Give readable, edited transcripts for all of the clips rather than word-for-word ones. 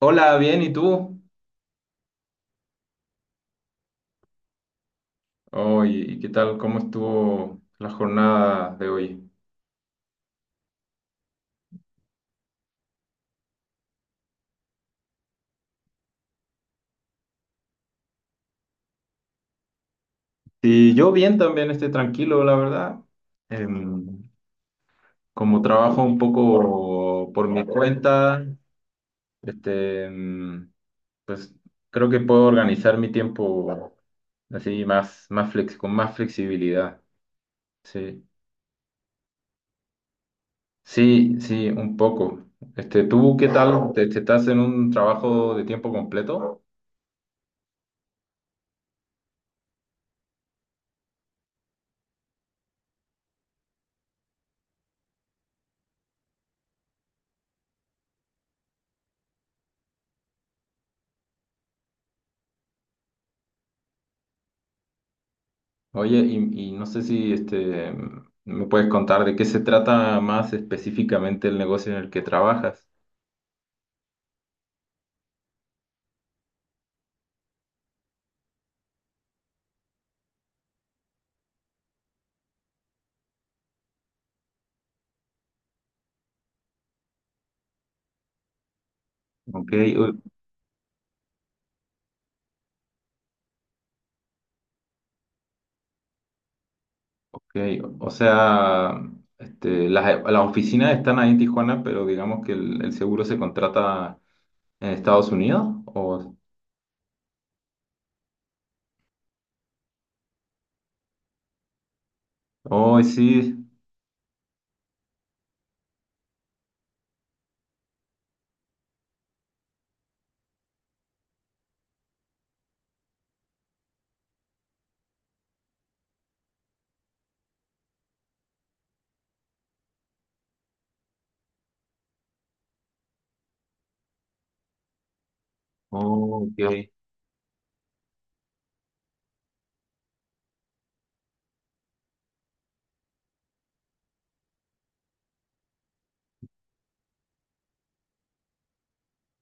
Hola, bien, ¿y tú? Oye, ¿y qué tal? ¿Cómo estuvo la jornada de hoy? Sí, yo bien también, estoy tranquilo, la verdad. Em, Como trabajo un poco por mi cuenta, este, pues creo que puedo organizar mi tiempo así más, más flex, con más flexibilidad. Sí, sí, sí, un poco. Este, ¿tú qué tal? ¿Te estás en un trabajo de tiempo completo? Oye, y no sé si este, me puedes contar de qué se trata más específicamente el negocio en el que trabajas. Ok, u- ok. O sea, este, las oficinas están ahí en Tijuana, pero digamos que el seguro se contrata en Estados Unidos. Oh, sí. Oh, ok.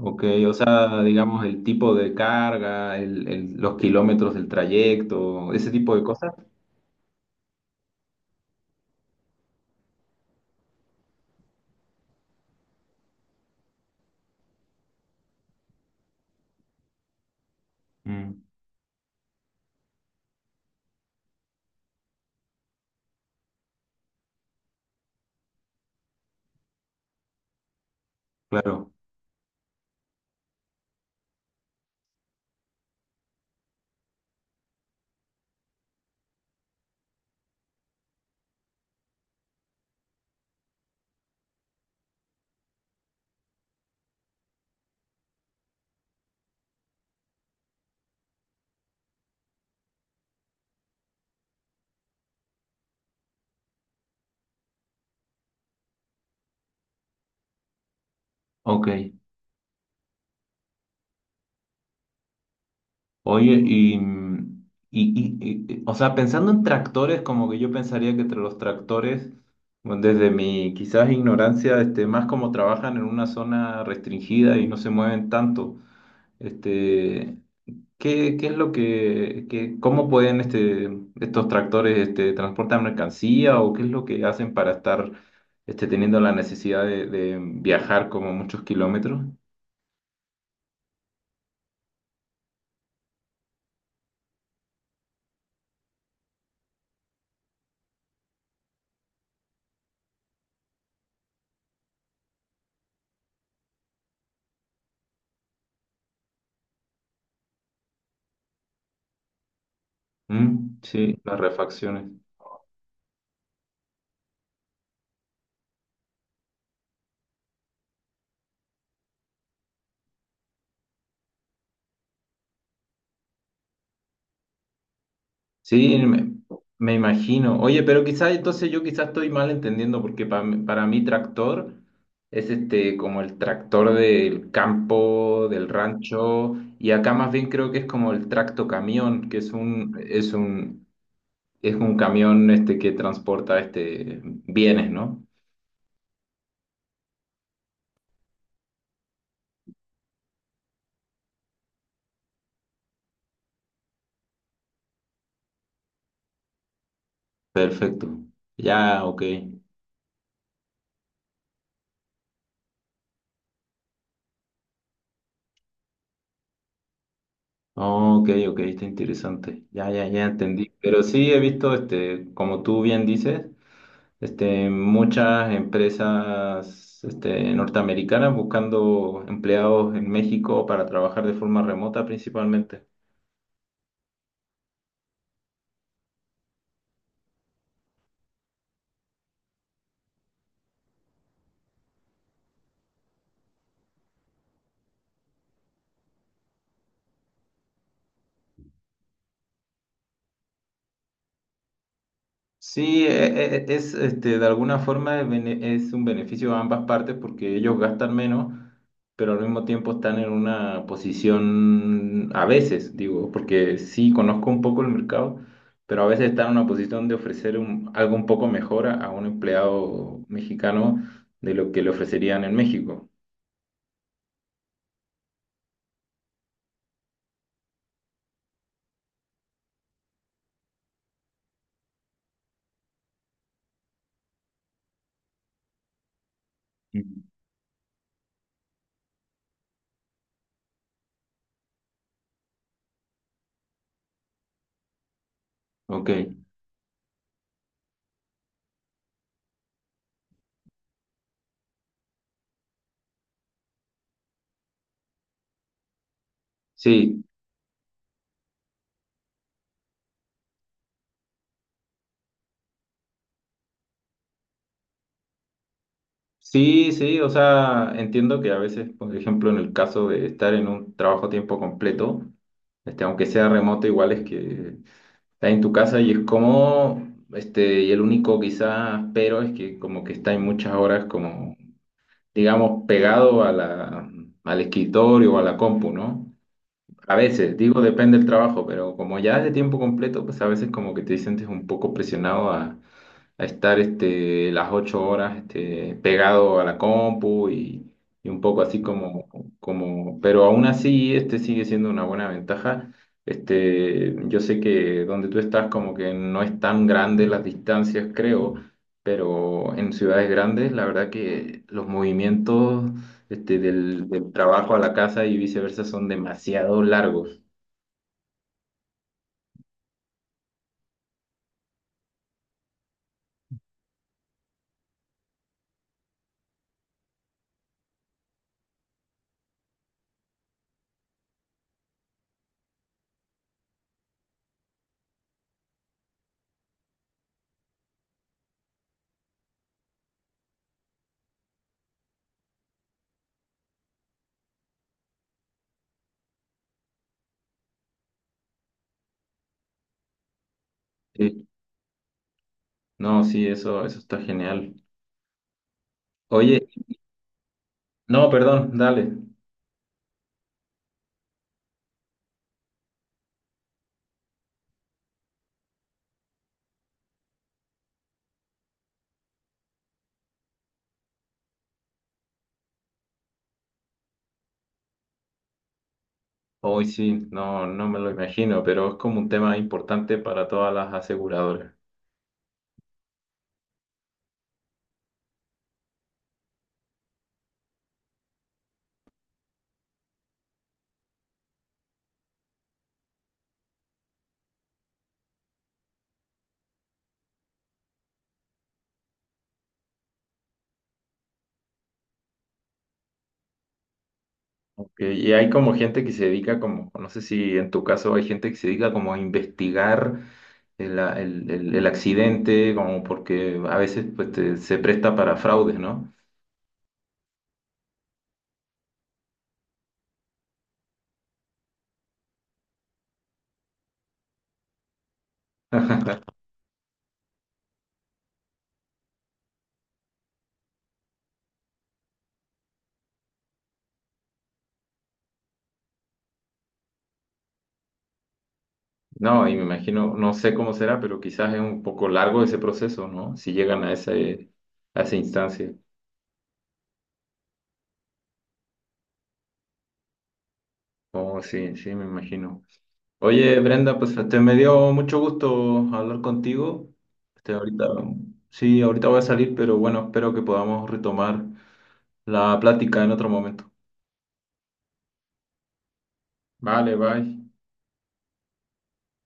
Ok, o sea, digamos el tipo de carga, los kilómetros del trayecto, ese tipo de cosas. Mm, claro. Ok. Oye, y, o sea, pensando en tractores, como que yo pensaría que entre los tractores, bueno, desde mi quizás ignorancia, este, más como trabajan en una zona restringida y no se mueven tanto, este, ¿qué es lo que, cómo pueden este, estos tractores este, transportar mercancía o qué es lo que hacen para estar este, teniendo la necesidad de viajar como muchos kilómetros? Mm, sí, las refacciones. Sí, me imagino. Oye, pero quizás entonces yo quizás estoy mal entendiendo porque para mí tractor es este como el tractor del campo, del rancho, y acá más bien creo que es como el tractocamión, que es un camión este que transporta este bienes, ¿no? Perfecto. Ya, ok. Oh, ok, ok, está interesante. Ya, ya, ya entendí. Pero sí he visto este, como tú bien dices, este, muchas empresas este, norteamericanas buscando empleados en México para trabajar de forma remota principalmente. Sí, es este, de alguna forma es es un beneficio a ambas partes porque ellos gastan menos, pero al mismo tiempo están en una posición, a veces, digo, porque sí conozco un poco el mercado, pero a veces están en una posición de ofrecer algo un poco mejor a un empleado mexicano de lo que le ofrecerían en México. Mm, ok, sí, sí, sí, o sea, entiendo que a veces, por ejemplo, en el caso de estar en un trabajo a tiempo completo, este, aunque sea remoto, igual es que estás en tu casa y es como, este, y el único quizás pero es que como que estás en muchas horas como, digamos, pegado a la, al escritorio o a la compu, ¿no? A veces, digo, depende del trabajo, pero como ya es de tiempo completo, pues a veces como que te sientes un poco presionado a estar este, las 8 horas este, pegado a la compu y un poco así como, pero aún así este sigue siendo una buena ventaja. Este, yo sé que donde tú estás como que no es tan grande las distancias, creo, pero en ciudades grandes la verdad que los movimientos este, del trabajo a la casa y viceversa son demasiado largos. Sí. No, sí, eso está genial. Oye, no, perdón, dale. Hoy sí, no, no me lo imagino, pero es como un tema importante para todas las aseguradoras. Ok, y hay como gente que se dedica como, no sé si en tu caso hay gente que se dedica como a investigar el accidente, como porque a veces pues, se presta para fraudes, ¿no? No, y me imagino, no sé cómo será, pero quizás es un poco largo ese proceso, ¿no? Si llegan a ese, a esa instancia. Oh, sí, sí, me imagino. Oye, Brenda, pues te me dio mucho gusto hablar contigo. Este, ahorita, sí, ahorita voy a salir, pero bueno, espero que podamos retomar la plática en otro momento. Vale, bye.